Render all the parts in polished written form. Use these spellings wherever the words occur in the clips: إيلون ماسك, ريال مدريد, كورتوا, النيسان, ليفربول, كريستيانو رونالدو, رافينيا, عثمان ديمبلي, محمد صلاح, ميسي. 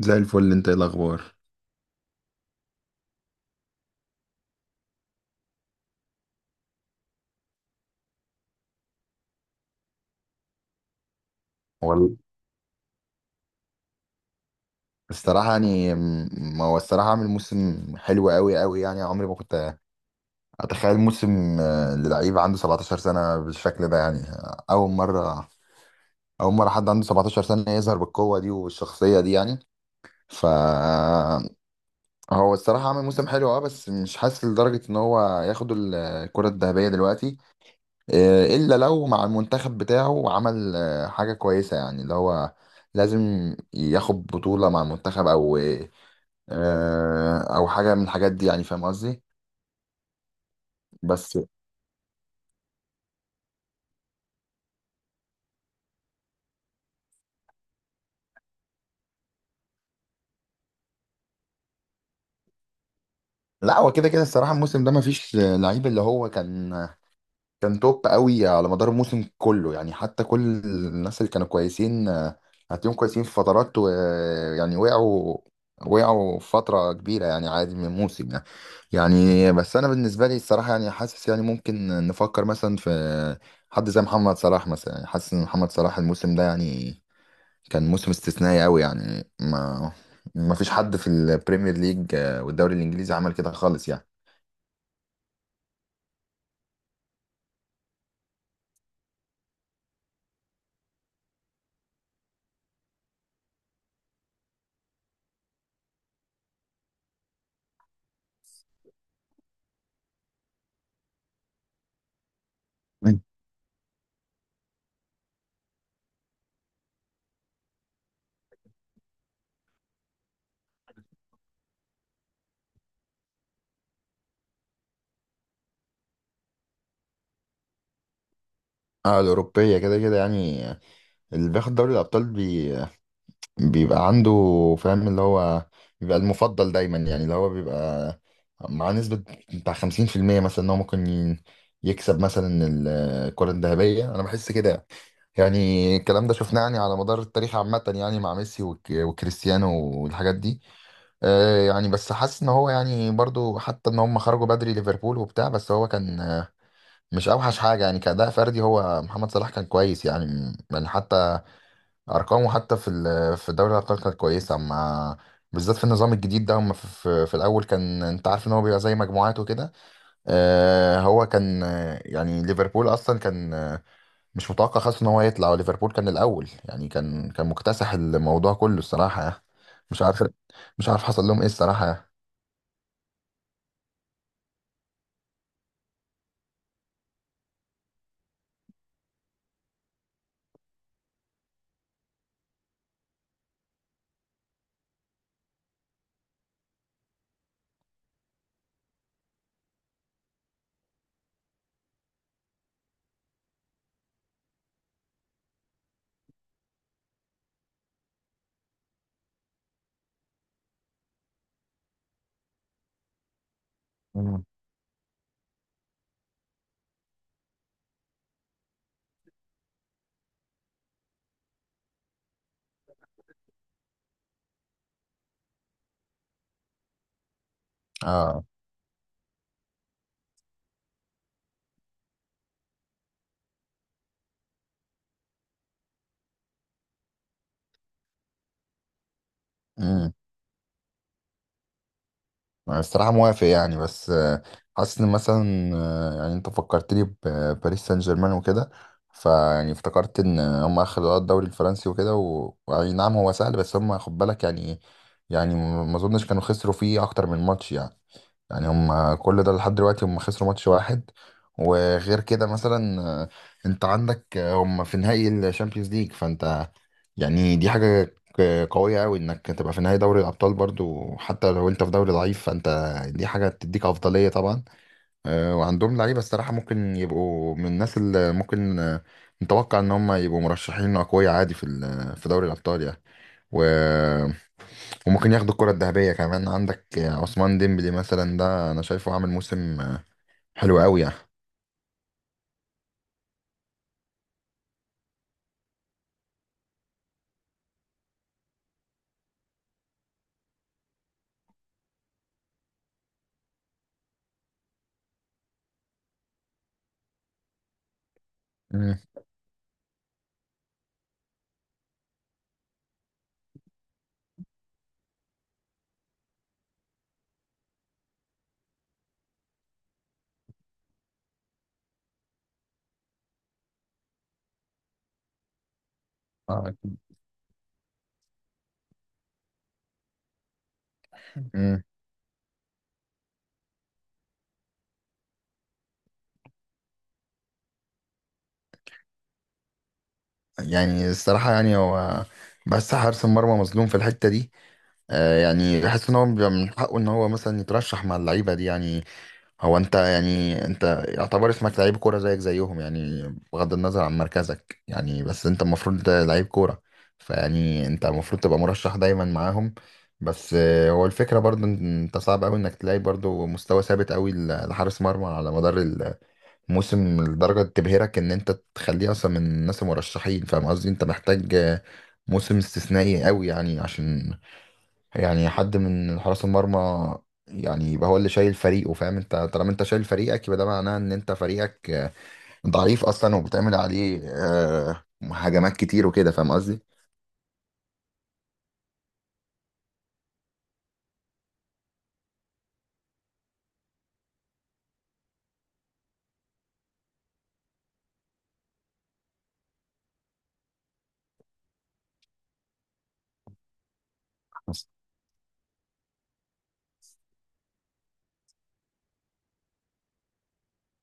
زي الفل، انت ايه الاخبار؟ وال الصراحة يعني هو الصراحة عامل موسم حلو قوي قوي، يعني عمري ما كنت أتخيل موسم للعيب عنده 17 سنة بالشكل ده، يعني أول مرة حد عنده 17 سنة يظهر بالقوة دي والشخصية دي. يعني ف هو الصراحة عامل موسم حلو، بس مش حاسس لدرجة إن هو ياخد الكرة الذهبية دلوقتي، الا لو مع المنتخب بتاعه عمل حاجه كويسه، يعني اللي هو لازم ياخد بطوله مع المنتخب، او او حاجه من الحاجات دي، يعني فاهم قصدي. بس لا، هو كده كده الصراحه الموسم ده مفيش لعيب اللي هو كان توب قوي على مدار الموسم كله، يعني حتى كل الناس اللي كانوا كويسين، هتلاقيهم كويسين في فترات، ويعني وقعوا فترة كبيرة، يعني عادي من الموسم يعني. يعني بس أنا بالنسبة لي الصراحة يعني حاسس، يعني ممكن نفكر مثلا في حد زي محمد صلاح مثلا، يعني حاسس إن محمد صلاح الموسم ده يعني كان موسم استثنائي قوي، يعني ما فيش حد في البريمير ليج، والدوري الإنجليزي، عمل كده خالص يعني. اه، الأوروبية كده كده يعني. اللي بياخد دوري الأبطال بيبقى عنده، فاهم، اللي هو بيبقى المفضل دايما، يعني اللي هو بيبقى مع نسبة بتاع خمسين في المية مثلا إن هو ممكن يكسب مثلا الكرة الذهبية، أنا بحس كده. يعني الكلام ده شفناه يعني على مدار التاريخ عامة، يعني مع ميسي وكريستيانو والحاجات دي. يعني بس حاسس ان هو يعني برضو، حتى ان هم خرجوا بدري ليفربول وبتاع، بس هو كان مش اوحش حاجه، يعني كأداء فردي هو محمد صلاح كان كويس، يعني يعني حتى ارقامه حتى في في دوري الابطال كانت كويسه، اما بالذات في النظام الجديد ده هم في الاول كان، انت عارف ان هو بيبقى زي مجموعات وكده. هو كان، يعني ليفربول اصلا كان مش متوقع خالص ان هو يطلع، وليفربول كان الاول، يعني كان مكتسح الموضوع كله الصراحه يعني. مش عارف مش عارف حصل لهم ايه الصراحه. مم. اه، الصراحة موافق، يعني بس حاسس ان مثلا يعني انت فكرتني بباريس سان جيرمان وكده، فيعني افتكرت ان هم خدوا الدوري الفرنسي وكده ويعني نعم هو سهل، بس هم خد بالك يعني، يعني ما اظنش كانوا خسروا فيه اكتر من ماتش، يعني يعني هم كل ده لحد دلوقتي هم خسروا ماتش واحد. وغير كده مثلا، انت عندك، هم في نهائي الشامبيونز ليج، فانت يعني دي حاجة قوية أوي إنك تبقى في نهائي دوري الأبطال، برضو حتى لو أنت في دوري ضعيف، فأنت دي حاجة تديك أفضلية طبعا. وعندهم لعيبة الصراحة ممكن يبقوا من الناس اللي ممكن نتوقع إن هم يبقوا مرشحين أقوياء عادي في في دوري الأبطال يعني. و... وممكن ياخدوا الكرة الذهبية كمان. عندك عثمان ديمبلي مثلا، ده أنا شايفه عامل موسم حلو قوي يعني. مم. آه، مم. يعني الصراحة يعني هو، بس حارس المرمى مظلوم في الحتة دي. يعني بحس إن هو بيبقى من حقه إن هو مثلا يترشح مع اللعيبة دي، يعني هو انت يعني انت يعتبر اسمك لعيب كوره زيك زيهم، يعني بغض النظر عن مركزك، يعني بس انت المفروض لعيب كوره، فيعني انت المفروض تبقى مرشح دايما معاهم. بس هو الفكره برضو ان انت صعب قوي انك تلاقي برضو مستوى ثابت قوي لحارس مرمى على مدار الموسم لدرجه تبهرك ان انت تخليه اصلا من الناس المرشحين، فاهم قصدي؟ انت محتاج موسم استثنائي قوي، يعني عشان يعني حد من حراس المرمى يعني يبقى هو اللي شايل فريقه. فاهم، انت طالما انت شايل فريقك يبقى ده معناه ان انت فريقك ضعيف اصلا، وبتعمل عليه هجمات كتير وكده، فاهم قصدي؟ حصل.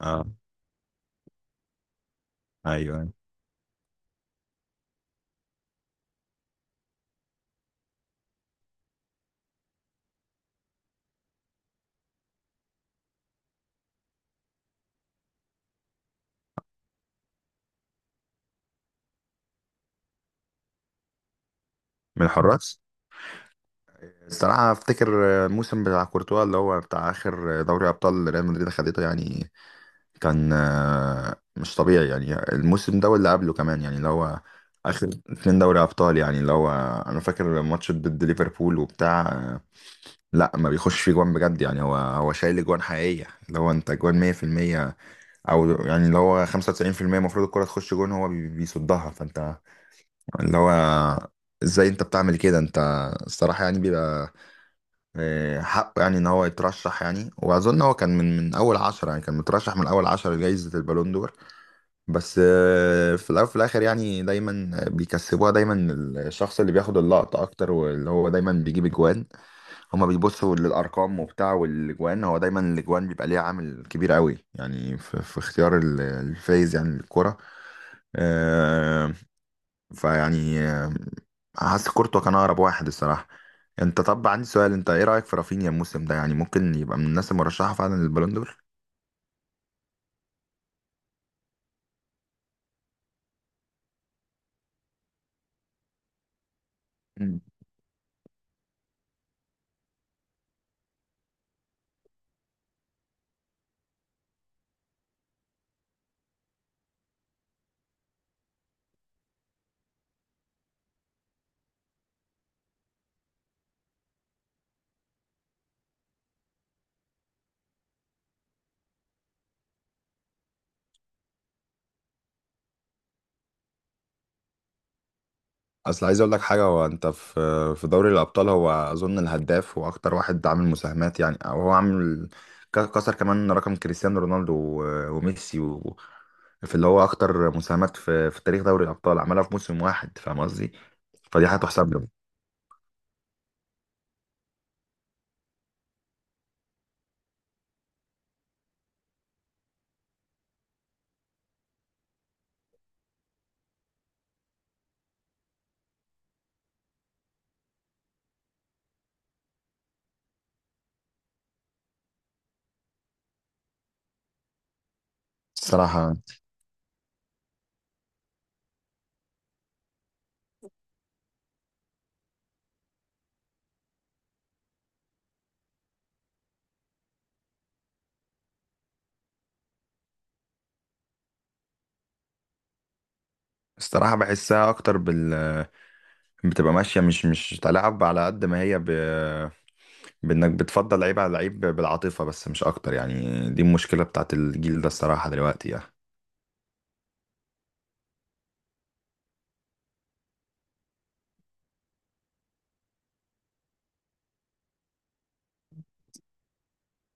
اه. ايوه، أيوه. من الحراس، الصراحة أفتكر الموسم بتاع كورتوا اللي هو بتاع آخر دوري أبطال ريال مدريد خدته، يعني كان مش طبيعي، يعني الموسم ده واللي قبله كمان، يعني اللي هو آخر اتنين دوري أبطال، يعني اللي هو أنا فاكر ماتش ضد ليفربول وبتاع، لا ما بيخش في جوان بجد، يعني هو شايل جوان حقيقية، اللي هو انت جوان 100%، او يعني اللي هو 95% المفروض الكرة تخش جون هو بيصدها، فانت اللي هو ازاي انت بتعمل كده انت؟ الصراحة يعني بيبقى حقه يعني ان هو يترشح، يعني واظن هو كان من اول عشرة، يعني كان مترشح من اول عشرة لجائزة البالون دور. بس في الاول وفي الاخر يعني دايما بيكسبوها دايما الشخص اللي بياخد اللقطة اكتر، واللي هو دايما بيجيب اجوان. هما بيبصوا للارقام وبتاع، والاجوان هو دايما الاجوان بيبقى ليها عامل كبير قوي يعني في اختيار الفايز يعني للكرة. آه فيعني حاسس كورتوا كان اقرب واحد الصراحة. انت طب عندي سؤال، انت ايه رأيك في رافينيا الموسم ده؟ يعني ممكن يبقى من الناس المرشحة فعلا للبالون دور. اصل عايز اقول لك حاجه، هو انت في في دوري الابطال هو اظن الهداف واكتر واحد عامل مساهمات، يعني او هو عامل كسر كمان رقم كريستيانو رونالدو وميسي في اللي هو اكتر مساهمات في تاريخ دوري الابطال عملها في موسم واحد، فاهم قصدي؟ فدي هتحسب له الصراحه. الصراحه بحسها اكتر بتبقى ماشيه مش تلعب على قد ما هي بانك بتفضل لعيب على لعيب بالعاطفه بس، مش اكتر، يعني دي المشكله بتاعت الجيل ده الصراحه دلوقتي يعني